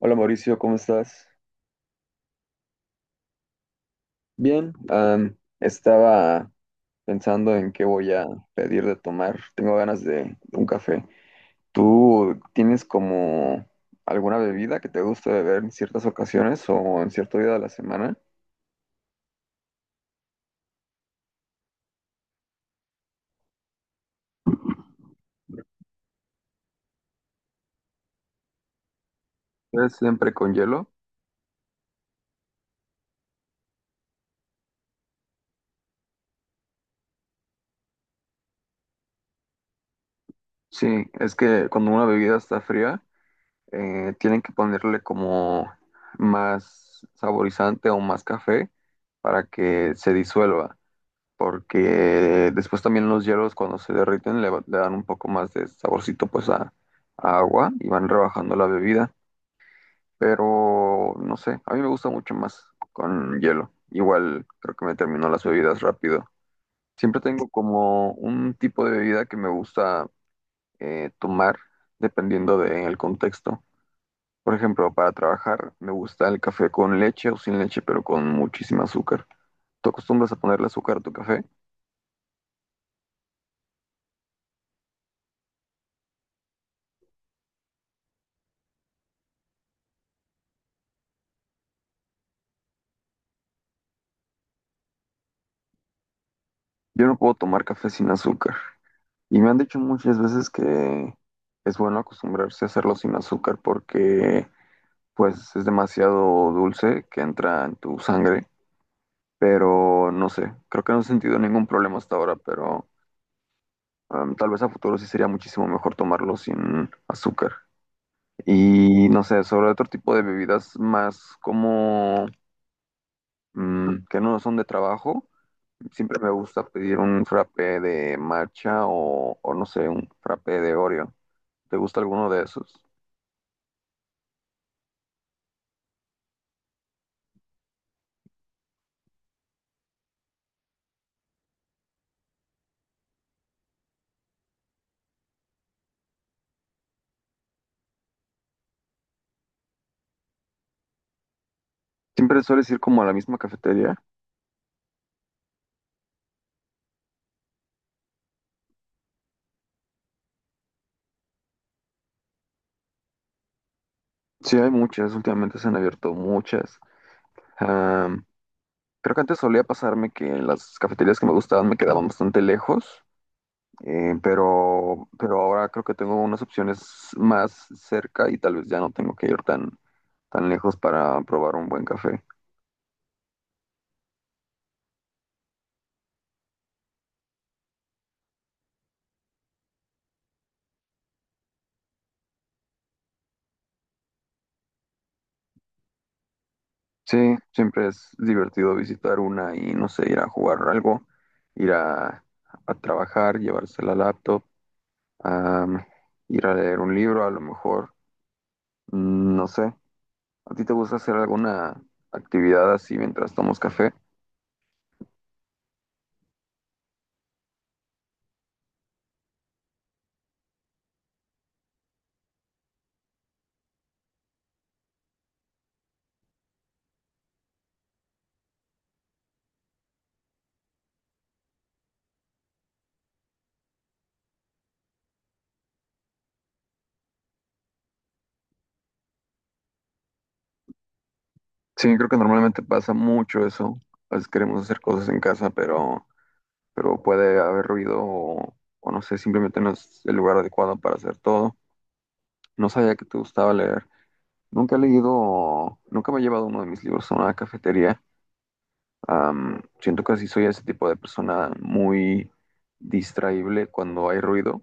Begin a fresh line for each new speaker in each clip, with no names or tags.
Hola Mauricio, ¿cómo estás? Bien, estaba pensando en qué voy a pedir de tomar. Tengo ganas de, un café. ¿Tú tienes como alguna bebida que te guste beber en ciertas ocasiones o en cierto día de la semana? ¿Es siempre con hielo? Sí, es que cuando una bebida está fría, tienen que ponerle como más saborizante o más café para que se disuelva. Porque después también los hielos cuando se derriten le dan un poco más de saborcito pues a agua y van rebajando la bebida, pero no sé, a mí me gusta mucho más con hielo. Igual creo que me terminó las bebidas rápido. Siempre tengo como un tipo de bebida que me gusta tomar dependiendo del contexto. Por ejemplo, para trabajar me gusta el café con leche o sin leche, pero con muchísima azúcar. ¿Tú acostumbras a ponerle azúcar a tu café? Yo no puedo tomar café sin azúcar. Y me han dicho muchas veces que es bueno acostumbrarse a hacerlo sin azúcar porque pues es demasiado dulce que entra en tu sangre. Pero no sé, creo que no he sentido ningún problema hasta ahora, pero tal vez a futuro sí sería muchísimo mejor tomarlo sin azúcar. Y no sé, sobre otro tipo de bebidas más como que no son de trabajo, siempre me gusta pedir un frappé de matcha o no sé, un frappé de Oreo. ¿Te gusta alguno de esos? Siempre sueles ir como a la misma cafetería. Sí, hay muchas, últimamente se han abierto muchas. Am, Creo que antes solía pasarme que las cafeterías que me gustaban me quedaban bastante lejos, pero ahora creo que tengo unas opciones más cerca y tal vez ya no tengo que ir tan, tan lejos para probar un buen café. Sí, siempre es divertido visitar una y no sé, ir a jugar algo, ir a trabajar, llevarse la laptop, am, ir a leer un libro, a lo mejor, no sé. ¿A ti te gusta hacer alguna actividad así mientras tomamos café? Sí, creo que normalmente pasa mucho eso. A veces queremos hacer cosas en casa, pero puede haber ruido o no sé, simplemente no es el lugar adecuado para hacer todo. No sabía que te gustaba leer. Nunca he leído, nunca me he llevado uno de mis libros a una cafetería. Siento que así soy ese tipo de persona muy distraíble cuando hay ruido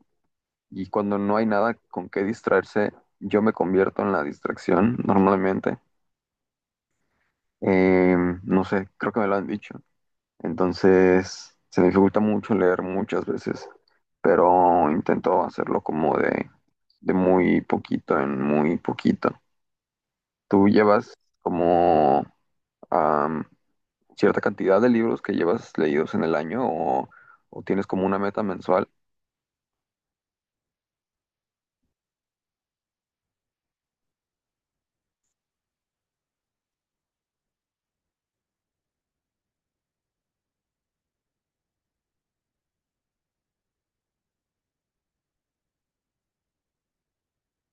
y cuando no hay nada con qué distraerse, yo me convierto en la distracción normalmente. No sé, creo que me lo han dicho. Entonces, se me dificulta mucho leer muchas veces, pero intento hacerlo como de muy poquito en muy poquito. Tú llevas como am, cierta cantidad de libros que llevas leídos en el año o tienes como una meta mensual.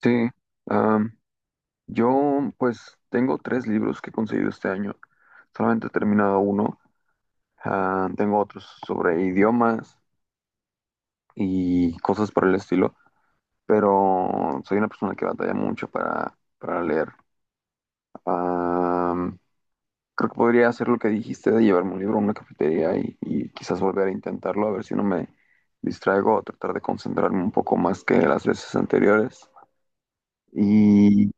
Sí, am, yo pues tengo tres libros que he conseguido este año. Solamente he terminado uno. Ah, tengo otros sobre idiomas y cosas por el estilo, pero soy una persona que batalla mucho para leer. Am, Creo que podría hacer lo que dijiste de llevarme un libro a una cafetería y quizás volver a intentarlo, a ver si no me distraigo o tratar de concentrarme un poco más que las veces anteriores. Y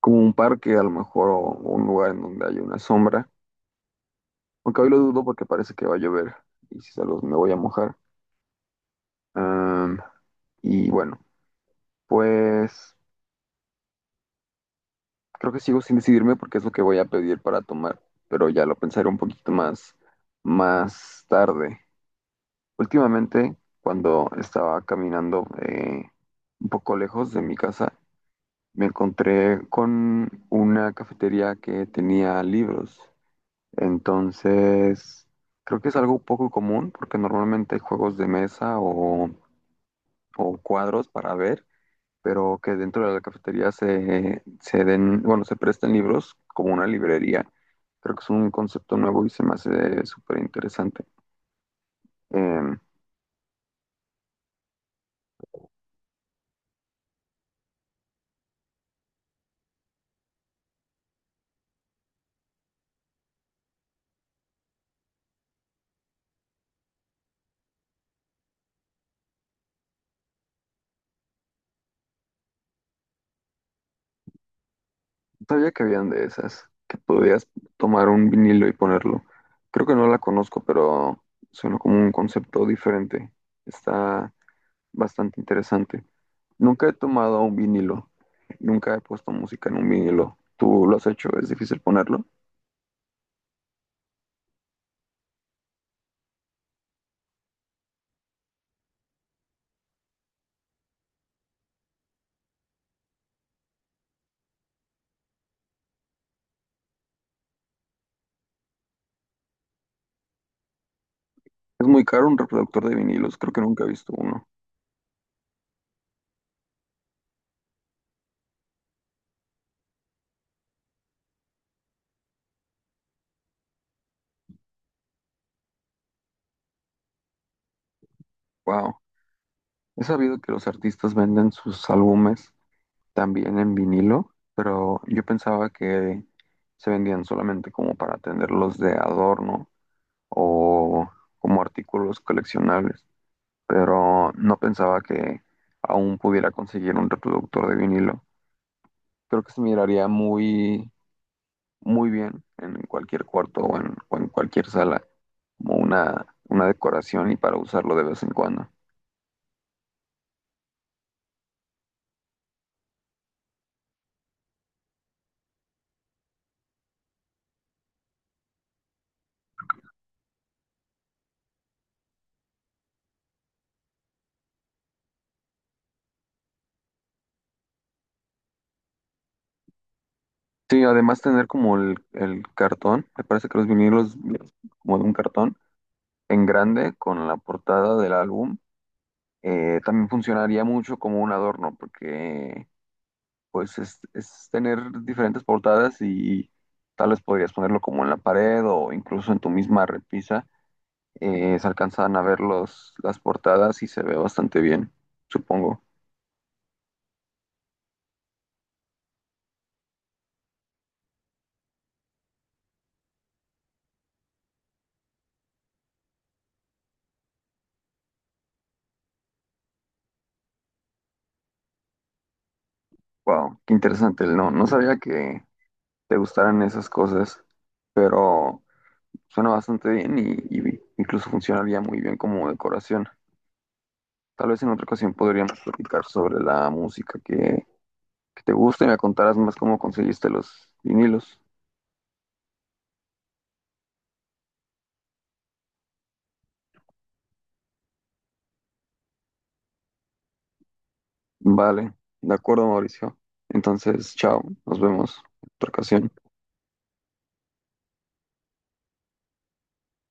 como un parque, a lo mejor, o un lugar en donde haya una sombra. Aunque hoy lo dudo porque parece que va a llover y si salgo me voy a mojar. Am, y bueno, pues. Creo que sigo sin decidirme porque es lo que voy a pedir para tomar, pero ya lo pensaré un poquito más, más tarde. Últimamente, cuando estaba caminando un poco lejos de mi casa, me encontré con una cafetería que tenía libros. Entonces, creo que es algo poco común porque normalmente hay juegos de mesa o cuadros para ver pero que dentro de la cafetería se den, bueno, se presten libros como una librería. Creo que es un concepto nuevo y se me hace súper interesante. Em, sabía que habían de esas, que podías tomar un vinilo y ponerlo. Creo que no la conozco, pero suena como un concepto diferente. Está bastante interesante. Nunca he tomado un vinilo, nunca he puesto música en un vinilo. ¿Tú lo has hecho? ¿Es difícil ponerlo? Es muy caro un reproductor de vinilos, creo que nunca he visto uno. Wow, he sabido que los artistas venden sus álbumes también en vinilo, pero yo pensaba que se vendían solamente como para tenerlos de adorno o como artículos coleccionables, pero no pensaba que aún pudiera conseguir un reproductor de vinilo. Creo que se miraría muy, muy bien en cualquier cuarto o en cualquier sala, como una decoración y para usarlo de vez en cuando. Sí, además tener como el cartón, me parece que los vinilos como de un cartón en grande con la portada del álbum, también funcionaría mucho como un adorno, porque pues es tener diferentes portadas y tal vez podrías ponerlo como en la pared o incluso en tu misma repisa, se alcanzan a ver los, las portadas y se ve bastante bien, supongo. Wow, qué interesante, no, no sabía que te gustaran esas cosas, pero... Suena bastante bien y incluso funcionaría muy bien como decoración. Tal vez en otra ocasión podríamos platicar sobre la música que te gusta y me contarás más cómo conseguiste los vinilos. Vale, de acuerdo, Mauricio. Entonces, chao, nos vemos en otra ocasión.